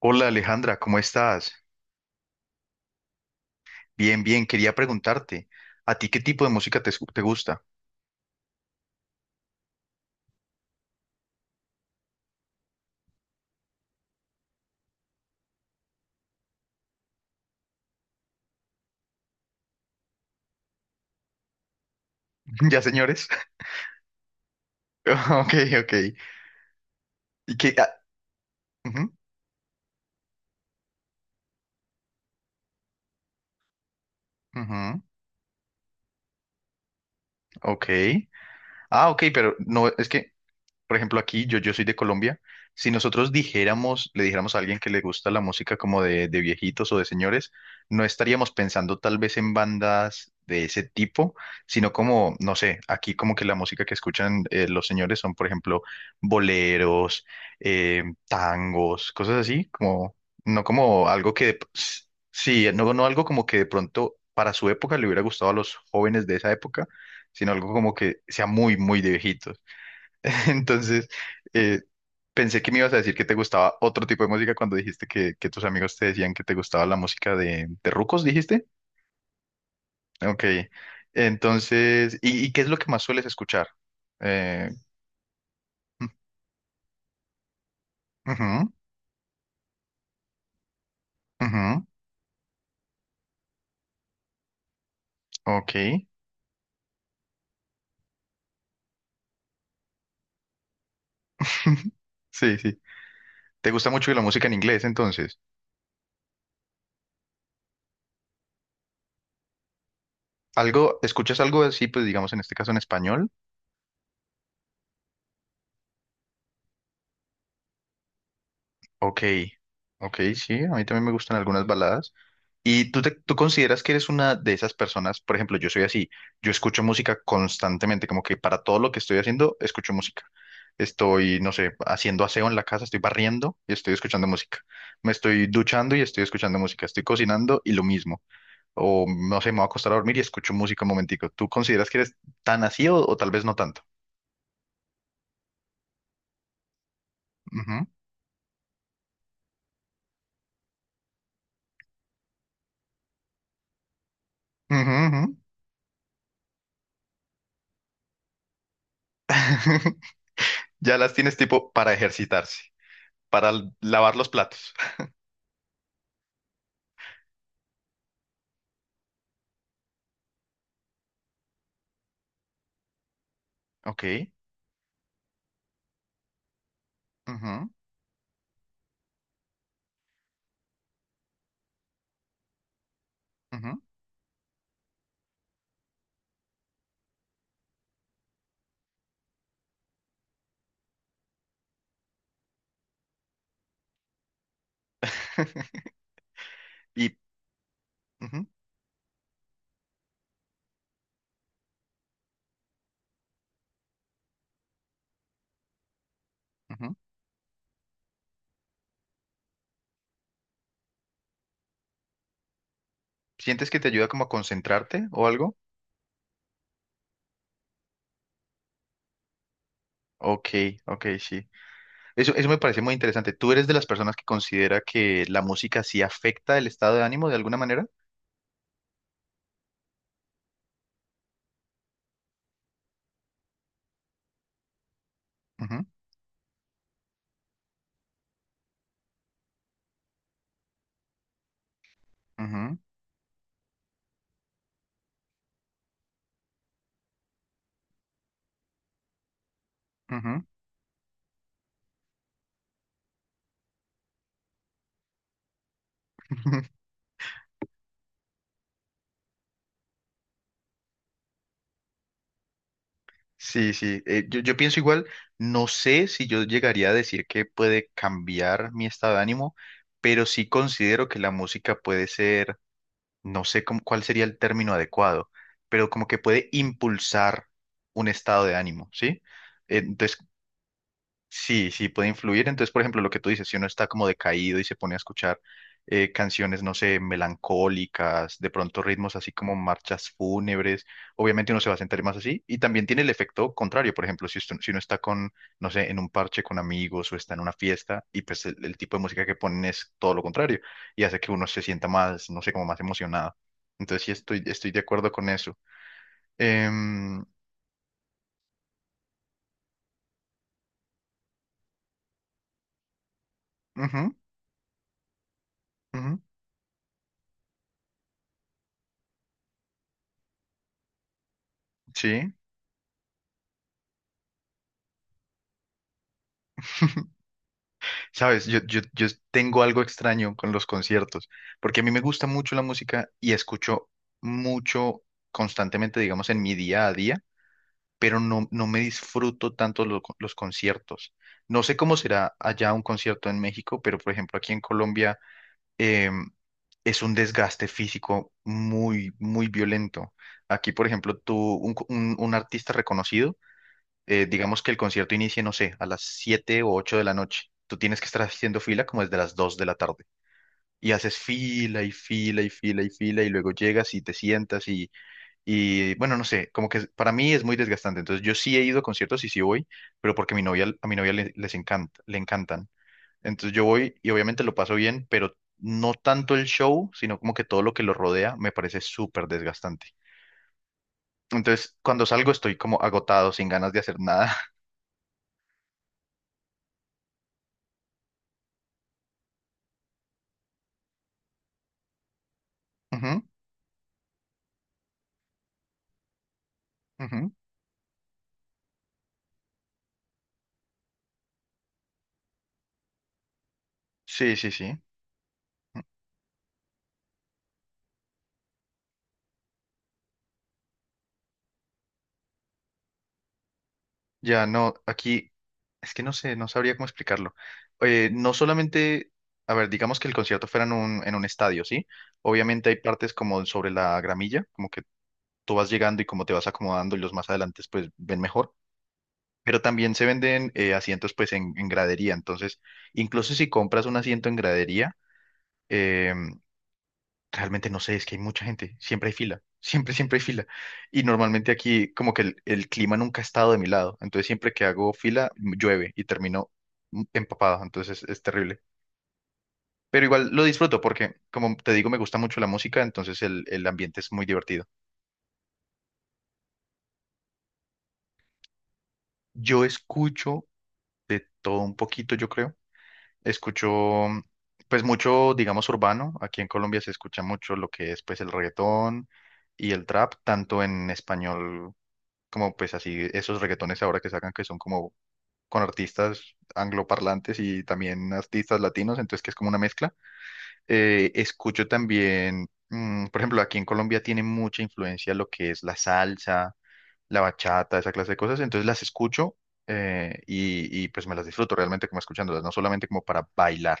Hola Alejandra, ¿cómo estás? Bien, bien, quería preguntarte, ¿a ti qué tipo de música te gusta? ¿Ya, señores? Ok, ok. ¿Y qué? Ah, ujú, ujú, ok. Ah, ok, pero no, es que por ejemplo, aquí, yo soy de Colombia. Si nosotros dijéramos, le dijéramos a alguien que le gusta la música como de viejitos o de señores, no estaríamos pensando tal vez en bandas de ese tipo, sino como, no sé, aquí como que la música que escuchan los señores son, por ejemplo, boleros, tangos, cosas así, como, no como algo. Sí, no, no algo como que de pronto para su época le hubiera gustado a los jóvenes de esa época, sino algo como que sea muy, muy de viejitos. Entonces, eh, pensé que me ibas a decir que te gustaba otro tipo de música cuando dijiste que tus amigos te decían que te gustaba la música de rucos, dijiste. Ok. Entonces, ¿y qué es lo que más sueles escuchar? Eh, ujú, ujú, ok. Sí, sí. ¿Te gusta mucho la música en inglés, entonces? ¿Algo, escuchas algo así, pues digamos en este caso en español? Ok, ok, sí, a mí también me gustan algunas baladas. ¿Y tú consideras que eres una de esas personas? Por ejemplo, yo soy así, yo escucho música constantemente, como que para todo lo que estoy haciendo, escucho música. Estoy, no sé, haciendo aseo en la casa, estoy barriendo y estoy escuchando música. Me estoy duchando y estoy escuchando música. Estoy cocinando y lo mismo. O no sé, me voy a acostar a dormir y escucho música un momentico. ¿Tú consideras que eres tan así o tal vez no tanto? Ujú, ujú, ujú. Ya las tienes tipo para ejercitarse. Para lavar los platos. Ok. Ujú, ujú. Y ujú, ujú. ¿Sientes que te ayuda como a concentrarte o algo? Ok, ok, sí. Eso me parece muy interesante. ¿Tú eres de las personas que considera que la música sí afecta el estado de ánimo de alguna manera? Ujú, ujú, ujú. Sí, sí. Yo pienso igual, no sé si yo llegaría a decir que puede cambiar mi estado de ánimo, pero sí considero que la música puede ser no sé cuál sería el término adecuado, pero como que puede impulsar un estado de ánimo, ¿sí? Entonces, sí, sí, puede influir. Entonces, por ejemplo, lo que tú dices, si uno está como decaído y se pone a escuchar canciones, no sé, melancólicas, de pronto ritmos así como marchas fúnebres, obviamente uno se va a sentir más así. Y también tiene el efecto contrario. Por ejemplo, si uno está con, no sé, en un parche con amigos o está en una fiesta y pues el tipo de música que ponen es todo lo contrario y hace que uno se sienta más, no sé, como más emocionado. Entonces, sí, estoy de acuerdo con eso. Em, ujú, ujú, sí. Sabes, yo tengo algo extraño con los conciertos, porque a mí me gusta mucho la música y escucho mucho constantemente, digamos, en mi día a día, pero no, no me disfruto tanto los conciertos. No sé cómo será allá un concierto en México, pero por ejemplo aquí en Colombia em, es un desgaste físico muy, muy violento. Aquí, por ejemplo, tú, un, co- un artista reconocido, digamos que el concierto inicie, no sé, a las 7 o 8 de la noche. Tú tienes que estar haciendo fila como desde las 2 de la tarde. Y haces fila y fila y fila y fila y luego llegas y te sientas y bueno, no sé, como que para mí es muy desgastante. Entonces yo sí he ido a conciertos y sí voy, pero porque mi novia, a mi novia les encanta, le encantan. Entonces yo voy y obviamente lo paso bien, pero no tanto el show, sino como que todo lo que lo rodea me parece súper desgastante. Entonces cuando salgo estoy como agotado, sin ganas de hacer nada. Ujú, ujú. Sí, sí, sí. Ya no, aquí es que no sé, no sabría cómo explicarlo. No solamente, a ver, digamos que el concierto fuera en un estadio, ¿sí? Obviamente hay partes como sobre la gramilla, como que tú vas llegando y como te vas acomodando y los más adelante pues ven mejor. Pero también se venden asientos pues en gradería. Entonces, incluso si compras un asiento en gradería, em, Realmente no sé, es que hay mucha gente, siempre hay fila, siempre, siempre hay fila. Y normalmente aquí como que el clima nunca ha estado de mi lado, entonces siempre que hago fila llueve y termino empapado, entonces es terrible. Pero igual lo disfruto porque, como te digo, me gusta mucho la música, entonces el ambiente es muy divertido. Yo escucho de todo un poquito, yo creo. Escucho mm, pues mucho, digamos, urbano. Aquí en Colombia se escucha mucho lo que es pues el reggaetón y el trap, tanto en español como pues así esos reggaetones ahora que sacan que son como con artistas angloparlantes y también artistas latinos, entonces que es como una mezcla. Escucho también, por ejemplo, aquí en Colombia tiene mucha influencia lo que es la salsa, la bachata, esa clase de cosas, entonces las escucho y pues me las disfruto realmente como escuchándolas, no solamente como para bailar.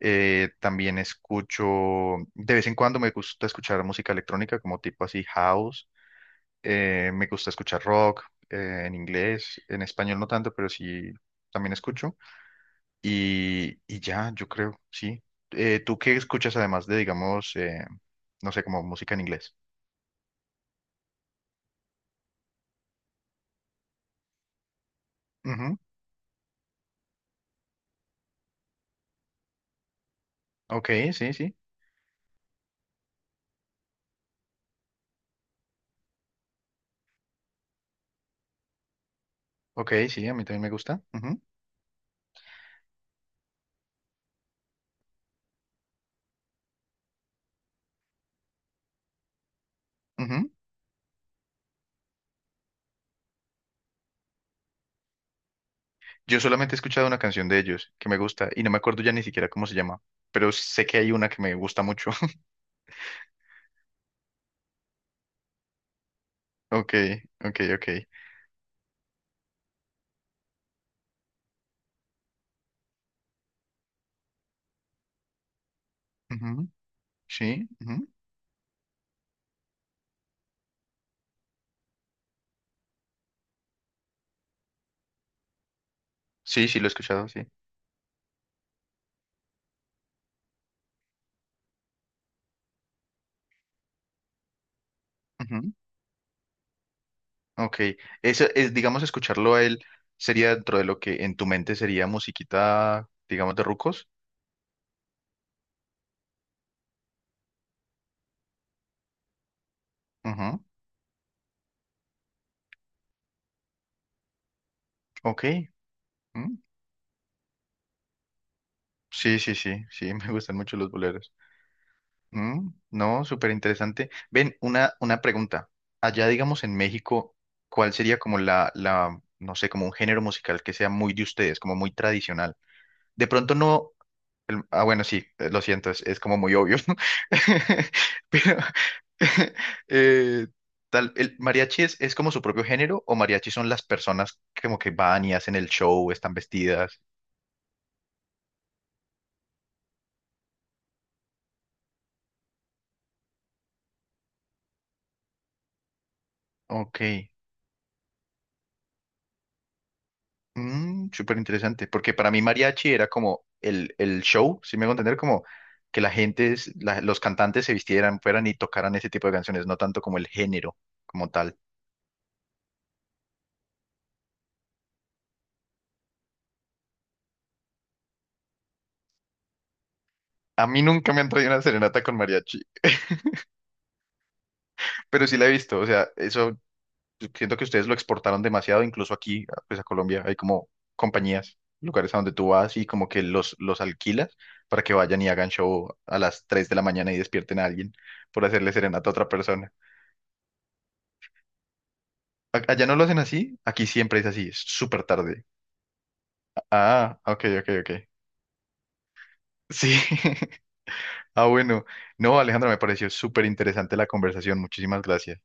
También escucho, de vez en cuando me gusta escuchar música electrónica como tipo así house me gusta escuchar rock en inglés, en español no tanto, pero sí también escucho. Y ya, yo creo, sí. ¿Tú qué escuchas además de, digamos, no sé, como música en inglés? Ujú, ok, sí, sí. Ok, sí, a mí también me gusta. Ujú, ujú. Yo solamente he escuchado una canción de ellos que me gusta y no me acuerdo ya ni siquiera cómo se llama, pero sé que hay una que me gusta mucho. Ok, ok, ok. Ujú, sí, ujú. Sí, sí, lo he escuchado, sí. Ok, eso es, digamos, escucharlo a él sería dentro de lo que en tu mente sería musiquita, digamos, de rucos. Ujú, ok, mm, sí, sí, sí, sí, me gustan mucho los boleros. Mm, no, súper interesante. Ven, una pregunta. Allá, digamos, en México, ¿cuál sería como la, no sé, como un género musical que sea muy de ustedes, como muy tradicional? De pronto no. Ah, bueno, sí, lo siento, es como muy obvio. Pero eh, tal, el mariachi es como su propio género o mariachi son las personas que como que van y hacen el show, están vestidas. Ok, súper interesante, porque para mí mariachi era como el show, si me hago entender, como que la gente, los cantantes se vistieran, fueran y tocaran ese tipo de canciones, no tanto como el género como tal. A mí nunca me han traído una serenata con mariachi, pero sí la he visto, o sea, eso. Siento que ustedes lo exportaron demasiado, incluso aquí, pues a Colombia, hay como compañías, lugares a donde tú vas y como que los alquilas para que vayan y hagan show a las 3 de la mañana y despierten a alguien por hacerle serenata a otra persona. Allá no lo hacen así, aquí siempre es así, es súper tarde. Ah, ok, ok, ok. Sí. Ah, bueno. No, Alejandra, me pareció súper interesante la conversación. Muchísimas gracias.